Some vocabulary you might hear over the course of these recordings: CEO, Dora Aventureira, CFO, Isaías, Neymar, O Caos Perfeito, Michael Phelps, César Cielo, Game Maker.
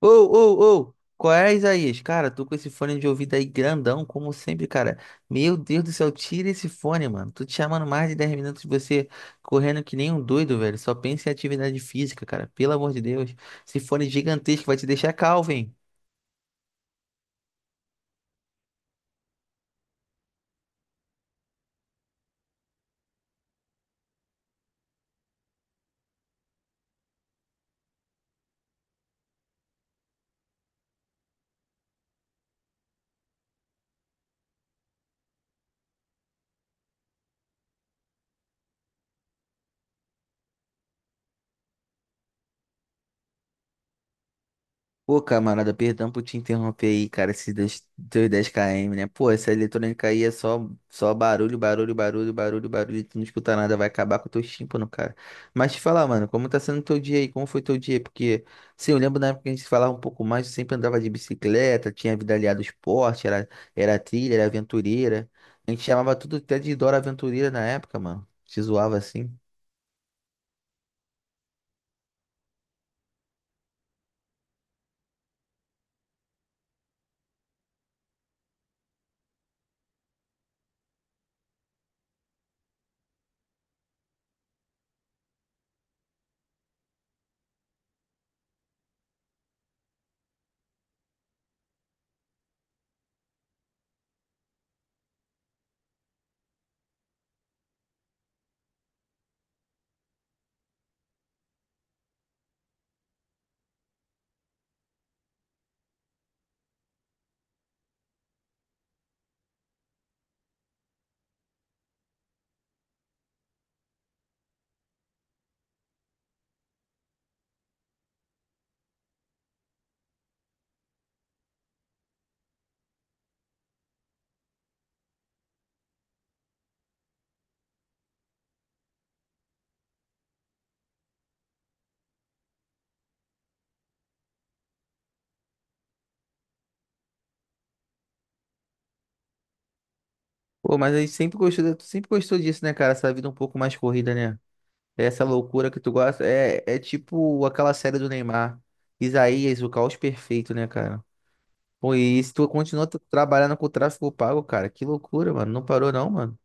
Ô, ô, ô, qual é, Isaías? Cara, tô com esse fone de ouvido aí grandão, como sempre, cara. Meu Deus do céu, tira esse fone, mano. Tô te chamando mais de 10 minutos e você correndo que nem um doido, velho. Só pensa em atividade física, cara. Pelo amor de Deus. Esse fone gigantesco vai te deixar calvo, hein? Pô, camarada, perdão por te interromper aí, cara, esses dois, teus 10 km, né? Pô, essa eletrônica aí é só barulho, barulho, barulho, barulho, barulho, tu não escuta nada, vai acabar com o teu tímpano, cara. Mas te falar, mano, como tá sendo teu dia aí? Como foi teu dia? Porque, sim, eu lembro na época que a gente falava um pouco mais, eu sempre andava de bicicleta, tinha vida aliada ao esporte, era trilha, era aventureira. A gente chamava tudo até de Dora Aventureira na época, mano. Te zoava assim. Pô, mas a gente sempre gostou disso, né, cara? Essa vida um pouco mais corrida, né? Essa loucura que tu gosta é tipo aquela série do Neymar. Isaías, o caos perfeito, né, cara? Pô, e se tu continua tu trabalhando com o tráfego pago, cara, que loucura, mano. Não parou não, mano.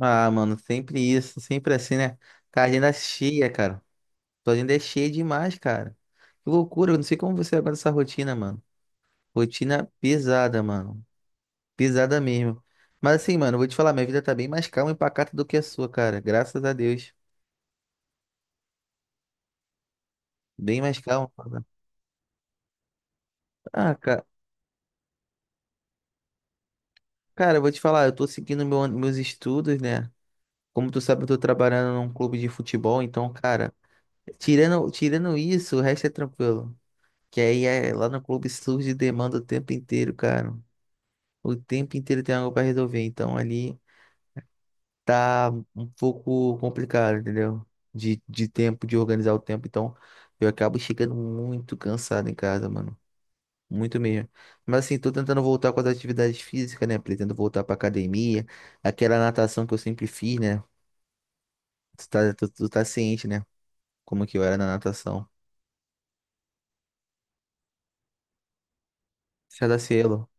Ah, mano, sempre isso, sempre assim, né? Cara, a agenda é cheia, cara. Tua agenda é cheia demais, cara. Que loucura, eu não sei como você aguenta essa rotina, mano. Rotina pesada, mano. Pesada mesmo. Mas assim, mano, eu vou te falar, minha vida tá bem mais calma e pacata do que a sua, cara. Graças a Deus. Bem mais calma. Ah, cara. Cara, eu vou te falar, eu tô seguindo meus estudos, né? Como tu sabe, eu tô trabalhando num clube de futebol, então, cara, tirando isso, o resto é tranquilo. Que aí é, lá no clube surge demanda o tempo inteiro, cara. O tempo inteiro tem algo pra resolver, então ali tá um pouco complicado, entendeu? De tempo, de organizar o tempo, então eu acabo chegando muito cansado em casa, mano. Muito mesmo. Mas assim, tô tentando voltar com as atividades físicas, né? Pretendo voltar pra academia. Aquela natação que eu sempre fiz, né? Tu tá ciente, né? Como que eu era na natação. César Cielo,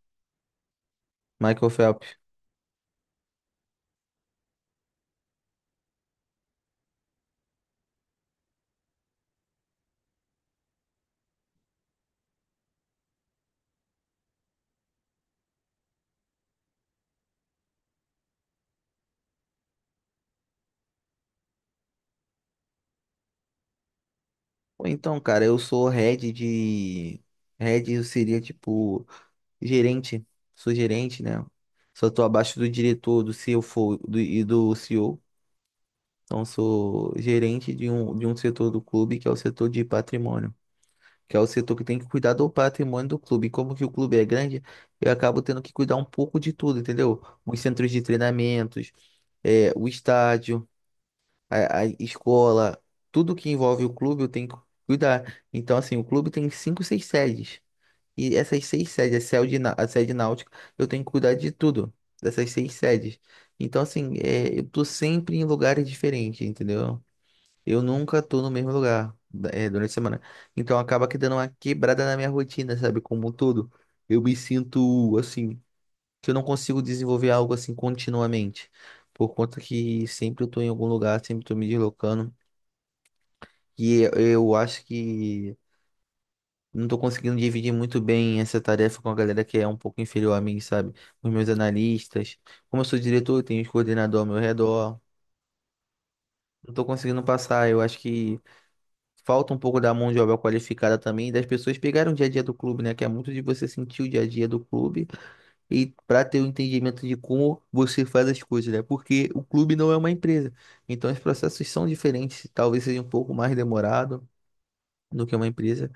Michael Phelps. Ou então, cara, eu sou head de. Head eu seria tipo gerente. Sou gerente, né? Só tô abaixo do diretor, do CFO e do CEO. Então, sou gerente de um setor do clube que é o setor de patrimônio. Que é o setor que tem que cuidar do patrimônio do clube. E como que o clube é grande, eu acabo tendo que cuidar um pouco de tudo, entendeu? Os centros de treinamentos, o estádio, a escola, tudo que envolve o clube eu tenho que cuidar. Então, assim, o clube tem cinco, seis sedes. E essas seis sedes, a sede náutica, eu tenho que cuidar de tudo, dessas seis sedes. Então, assim, eu tô sempre em lugares diferentes, entendeu? Eu nunca tô no mesmo lugar durante a semana. Então acaba que dando uma quebrada na minha rotina, sabe? Como um todo. Eu me sinto assim, que eu não consigo desenvolver algo assim continuamente. Por conta que sempre eu tô em algum lugar, sempre tô me deslocando. E eu acho que não tô conseguindo dividir muito bem essa tarefa com a galera que é um pouco inferior a mim, sabe? Os meus analistas. Como eu sou diretor, eu tenho os coordenadores ao meu redor. Não tô conseguindo passar. Eu acho que falta um pouco da mão de obra qualificada também, das pessoas pegarem o dia a dia do clube, né? Que é muito de você sentir o dia a dia do clube e para ter o entendimento de como você faz as coisas, né? Porque o clube não é uma empresa. Então os processos são diferentes, talvez seja um pouco mais demorado do que uma empresa,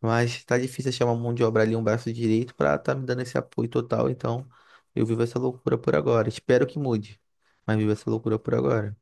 mas tá difícil achar uma mão de obra ali, um braço direito para tá me dando esse apoio total. Então eu vivo essa loucura por agora. Espero que mude, mas vivo essa loucura por agora.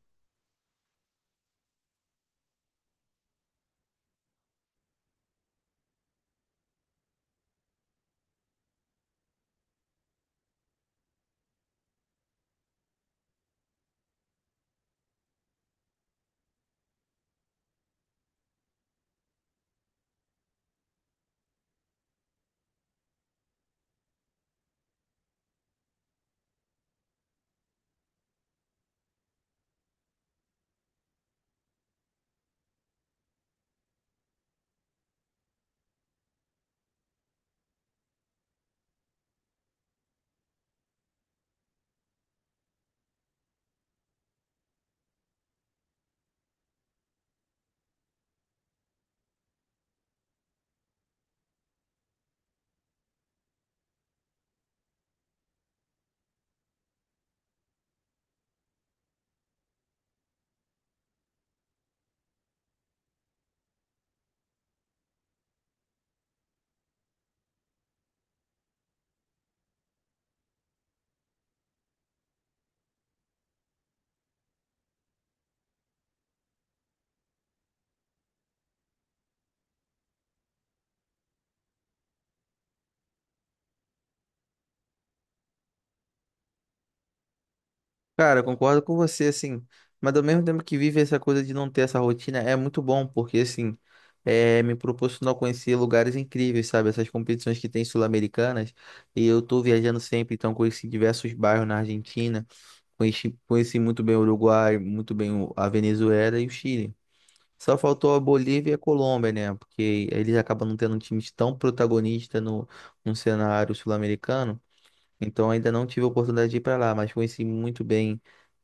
Cara, eu concordo com você, assim, mas ao mesmo tempo que vive essa coisa de não ter essa rotina, é muito bom, porque, assim, me proporcionou conhecer lugares incríveis, sabe? Essas competições que tem sul-americanas, e eu tô viajando sempre, então conheci diversos bairros na Argentina, conheci muito bem o Uruguai, a Venezuela e o Chile. Só faltou a Bolívia e a Colômbia, né? Porque eles acabam não tendo um time tão protagonista no cenário sul-americano, então ainda não tive a oportunidade de ir pra lá, mas conheci muito bem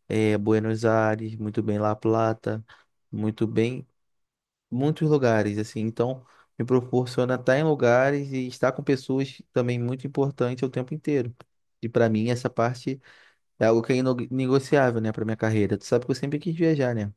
Buenos Aires, muito bem La Plata, muito bem, muitos lugares, assim. Então, me proporciona estar em lugares e estar com pessoas também muito importante o tempo inteiro. E para mim, essa parte é algo que é negociável, né, para minha carreira. Tu sabe que eu sempre quis viajar, né?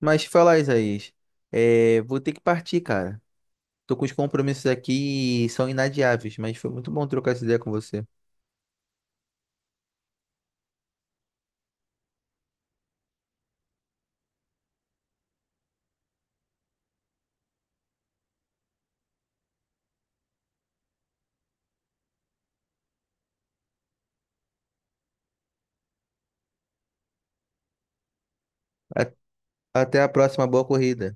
Mas falar, Isaías, vou ter que partir, cara. Tô com os compromissos aqui e são inadiáveis, mas foi muito bom trocar essa ideia com você. A- Até a próxima, boa corrida.